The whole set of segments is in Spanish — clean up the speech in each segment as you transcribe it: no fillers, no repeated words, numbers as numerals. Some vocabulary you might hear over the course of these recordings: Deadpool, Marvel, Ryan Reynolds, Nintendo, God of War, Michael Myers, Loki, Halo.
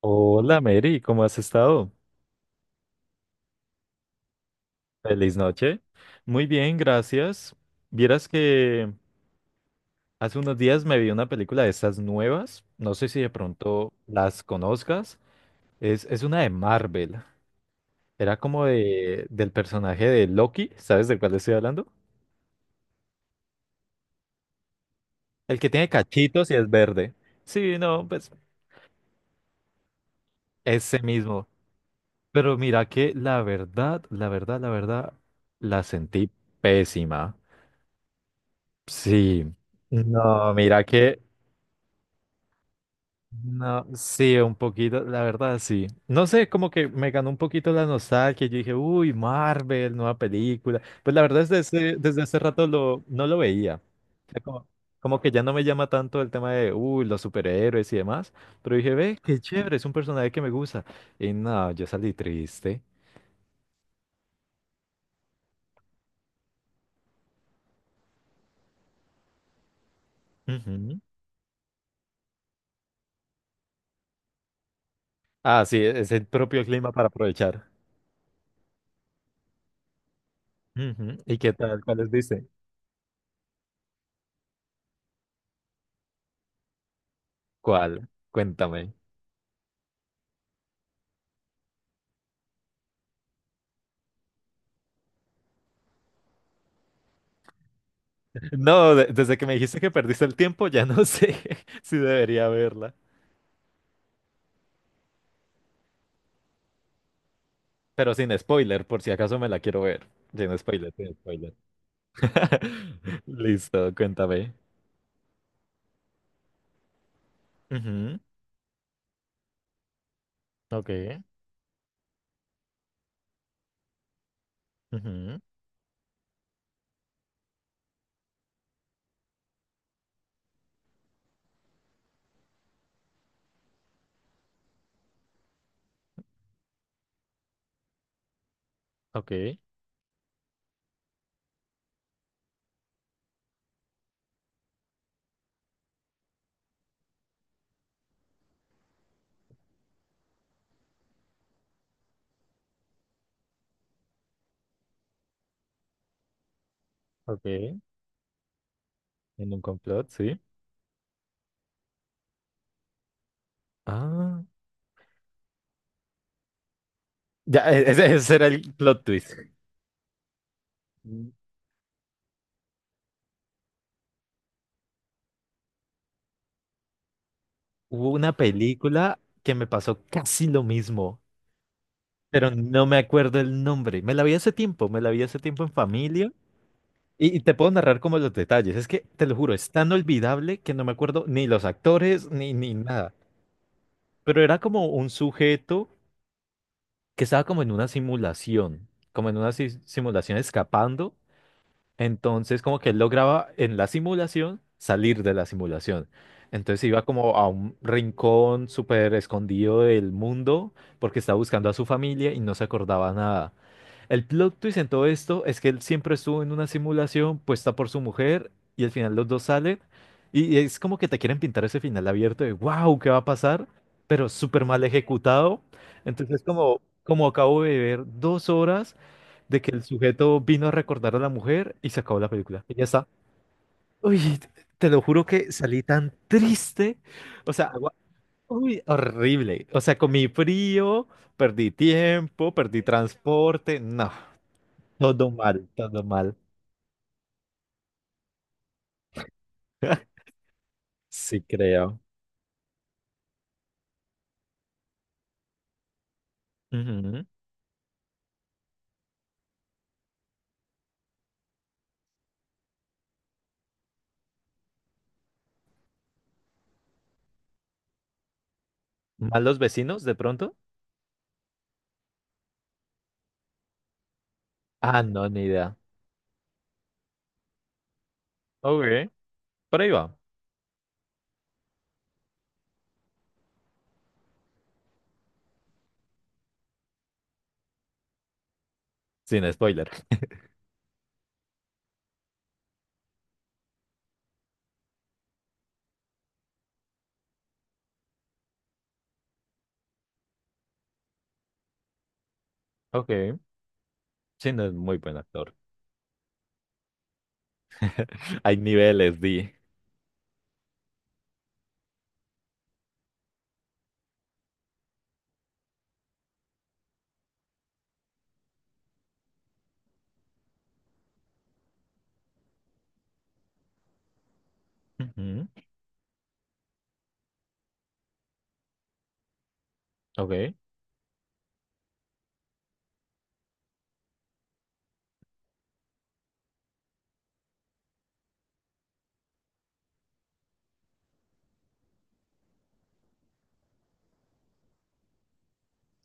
Hola Mary, ¿cómo has estado? Feliz noche. Muy bien, gracias. Vieras que hace unos días me vi una película de estas nuevas, no sé si de pronto las conozcas. Es una de Marvel, era como del personaje de Loki. ¿Sabes de cuál estoy hablando? El que tiene cachitos y es verde. Sí, no, pues ese mismo. Pero mira que la verdad, la verdad, la verdad, la sentí pésima. Sí. No, mira que No, sí, un poquito, la verdad, sí. No sé, como que me ganó un poquito la nostalgia. Yo dije, uy, Marvel, nueva película. Pues la verdad es desde hace rato no lo veía. Ya. Como que ya no me llama tanto el tema de, uy, los superhéroes y demás. Pero dije, ve, qué chévere, es un personaje que me gusta. Y no, yo salí triste. Ujú. Ah, sí, es el propio clima para aprovechar. Ujú. ¿Y qué tal? ¿Cuáles dice? ¿Cuál? Cuéntame. No, desde que me dijiste que perdiste el tiempo, ya no sé si debería verla. Pero sin spoiler, por si acaso me la quiero ver. Sin spoiler, sin spoiler. Listo, cuéntame. Ujú. Ok. Ujú. Ok. Ok. En un complot, sí. Ah, ya, ese era el plot twist. Mm. Hubo una película que me pasó casi lo mismo, pero no me acuerdo el nombre. Me la vi hace tiempo, me la vi hace tiempo en familia. Y te puedo narrar como los detalles. Es que, te lo juro, es tan olvidable que no me acuerdo ni los actores ni nada. Pero era como un sujeto que estaba como en una simulación, como en una simulación escapando. Entonces, como que él lograba en la simulación salir de la simulación. Entonces iba como a un rincón súper escondido del mundo porque estaba buscando a su familia y no se acordaba nada. El plot twist en todo esto es que él siempre estuvo en una simulación puesta por su mujer y al final los dos salen, y es como que te quieren pintar ese final abierto de wow, ¿qué va a pasar? Pero súper mal ejecutado. Entonces como acabo de ver 2 horas de que el sujeto vino a recordar a la mujer y se acabó la película. Y ya está. Uy, te lo juro que salí tan triste. O sea, uy, horrible. O sea, comí frío, perdí tiempo, perdí transporte. No, todo mal, todo mal. Sí, creo. Ujú. ¿Malos vecinos de pronto? Ah, no, ni idea. Ok, por ahí va. Sin spoiler. Ok, sí, no es muy buen actor. Hay niveles, di. Ujú. Ok,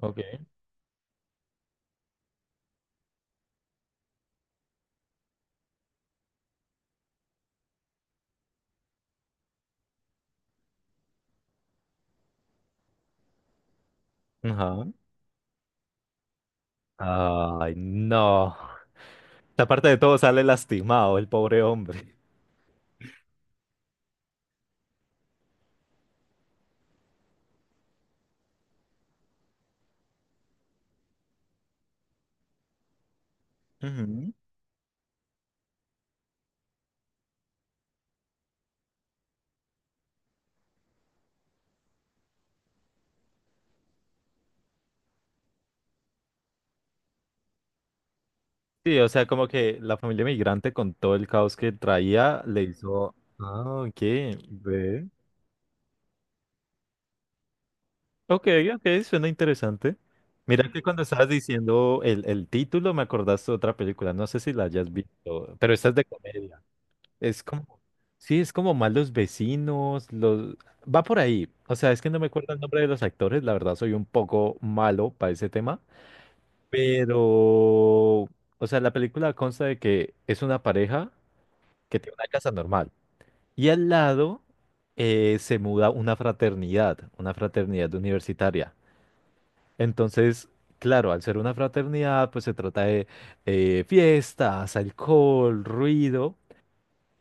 ok. Ajá. Ay, no. Aparte de todo, sale lastimado el pobre hombre. Ujú. Sí, o sea, como que la familia migrante con todo el caos que traía le hizo. Ah, ok, ve. Ok, ok, suena interesante. Mira que cuando estabas diciendo el título, me acordaste de otra película. No sé si la hayas visto, pero esta es de comedia. Es como. Sí, es como malos vecinos. Los... Va por ahí. O sea, es que no me acuerdo el nombre de los actores. La verdad, soy un poco malo para ese tema. Pero, o sea, la película consta de que es una pareja que tiene una casa normal, y al lado se muda una fraternidad universitaria. Entonces, claro, al ser una fraternidad, pues se trata de fiestas, alcohol, ruido.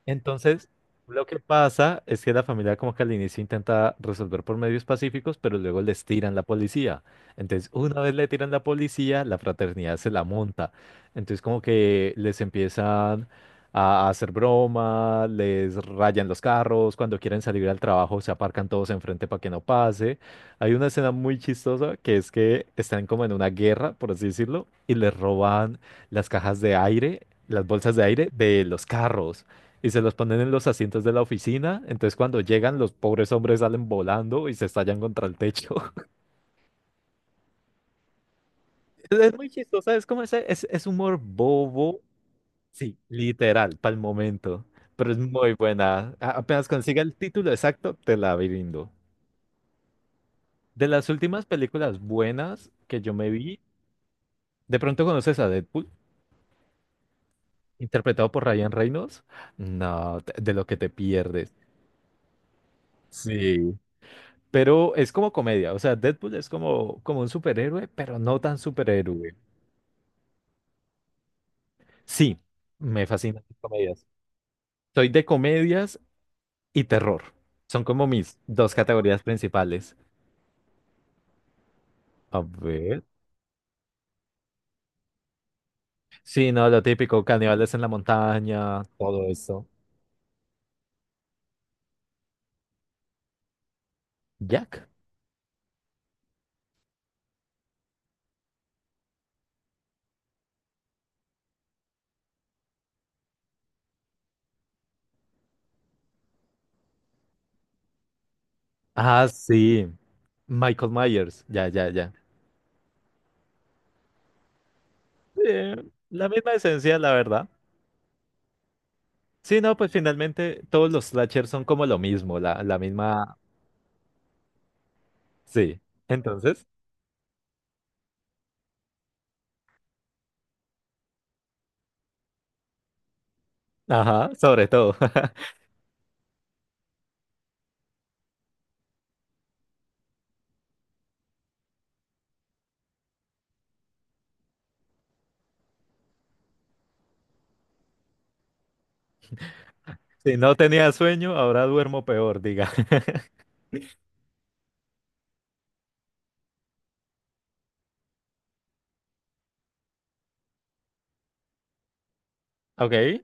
Entonces, lo que pasa es que la familia como que al inicio intenta resolver por medios pacíficos, pero luego les tiran la policía. Entonces, una vez le tiran la policía, la fraternidad se la monta. Entonces, como que les empiezan a hacer broma, les rayan los carros, cuando quieren salir al trabajo se aparcan todos enfrente para que no pase. Hay una escena muy chistosa que es que están como en una guerra, por así decirlo, y les roban las cajas de aire, las bolsas de aire de los carros, y se los ponen en los asientos de la oficina. Entonces cuando llegan, los pobres hombres salen volando y se estallan contra el techo. Es muy chistoso, es como ese, es humor bobo, sí, literal, para el momento. Pero es muy buena. Apenas consiga el título exacto, te la brindo. De las últimas películas buenas que yo me vi, ¿de pronto conoces a Deadpool? Interpretado por Ryan Reynolds. No, de lo que te pierdes. Sí. Pero es como comedia, o sea, Deadpool es como un superhéroe, pero no tan superhéroe. Sí, me fascinan las comedias. Soy de comedias y terror. Son como mis dos categorías principales. A ver. Sí, no, lo típico, caníbales en la montaña, todo eso. Jack. Ah, sí. Michael Myers. Ya, ya, ya. Eh, la misma esencia, la verdad. Sí, no, pues finalmente todos los slashers son como lo mismo, la misma. Sí. Entonces. Ajá, sobre todo. Si no tenía sueño, ahora duermo peor, diga. Ok.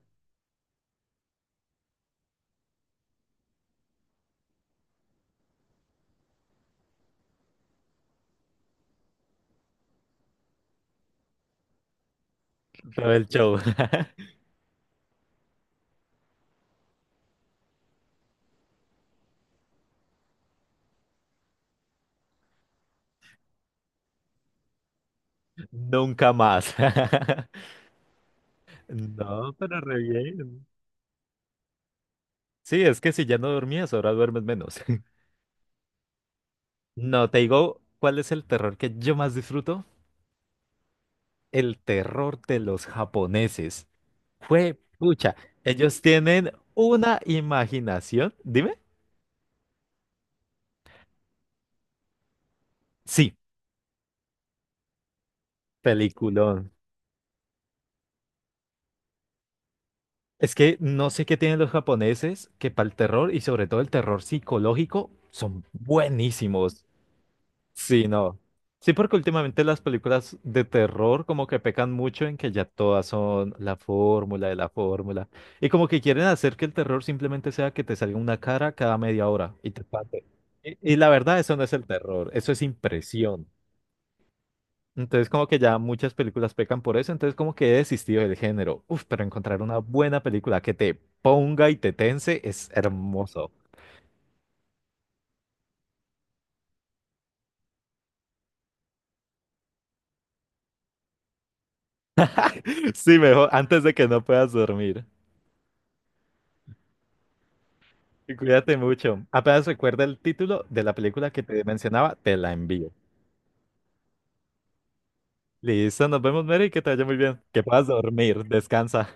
Todo el show. Nunca más. No, pero re bien. Sí, es que si ya no dormías, ahora duermes menos. No, te digo, ¿cuál es el terror que yo más disfruto? El terror de los japoneses. Fue pucha. Ellos tienen una imaginación. Dime. Sí, peliculón. Es que no sé qué tienen los japoneses que para el terror, y sobre todo el terror psicológico, son buenísimos. Sí, no. Sí, porque últimamente las películas de terror como que pecan mucho en que ya todas son la fórmula de la fórmula. Y como que quieren hacer que el terror simplemente sea que te salga una cara cada media hora y te espante. Y la verdad, eso no es el terror, eso es impresión. Entonces como que ya muchas películas pecan por eso, entonces como que he desistido del género. Uf, pero encontrar una buena película que te ponga y te tense es hermoso. Sí, mejor antes de que no puedas dormir. Y cuídate mucho. Apenas recuerda el título de la película que te mencionaba, te la envío. Listo, nos vemos, Mary, que te vaya muy bien. Que puedas dormir, descansa.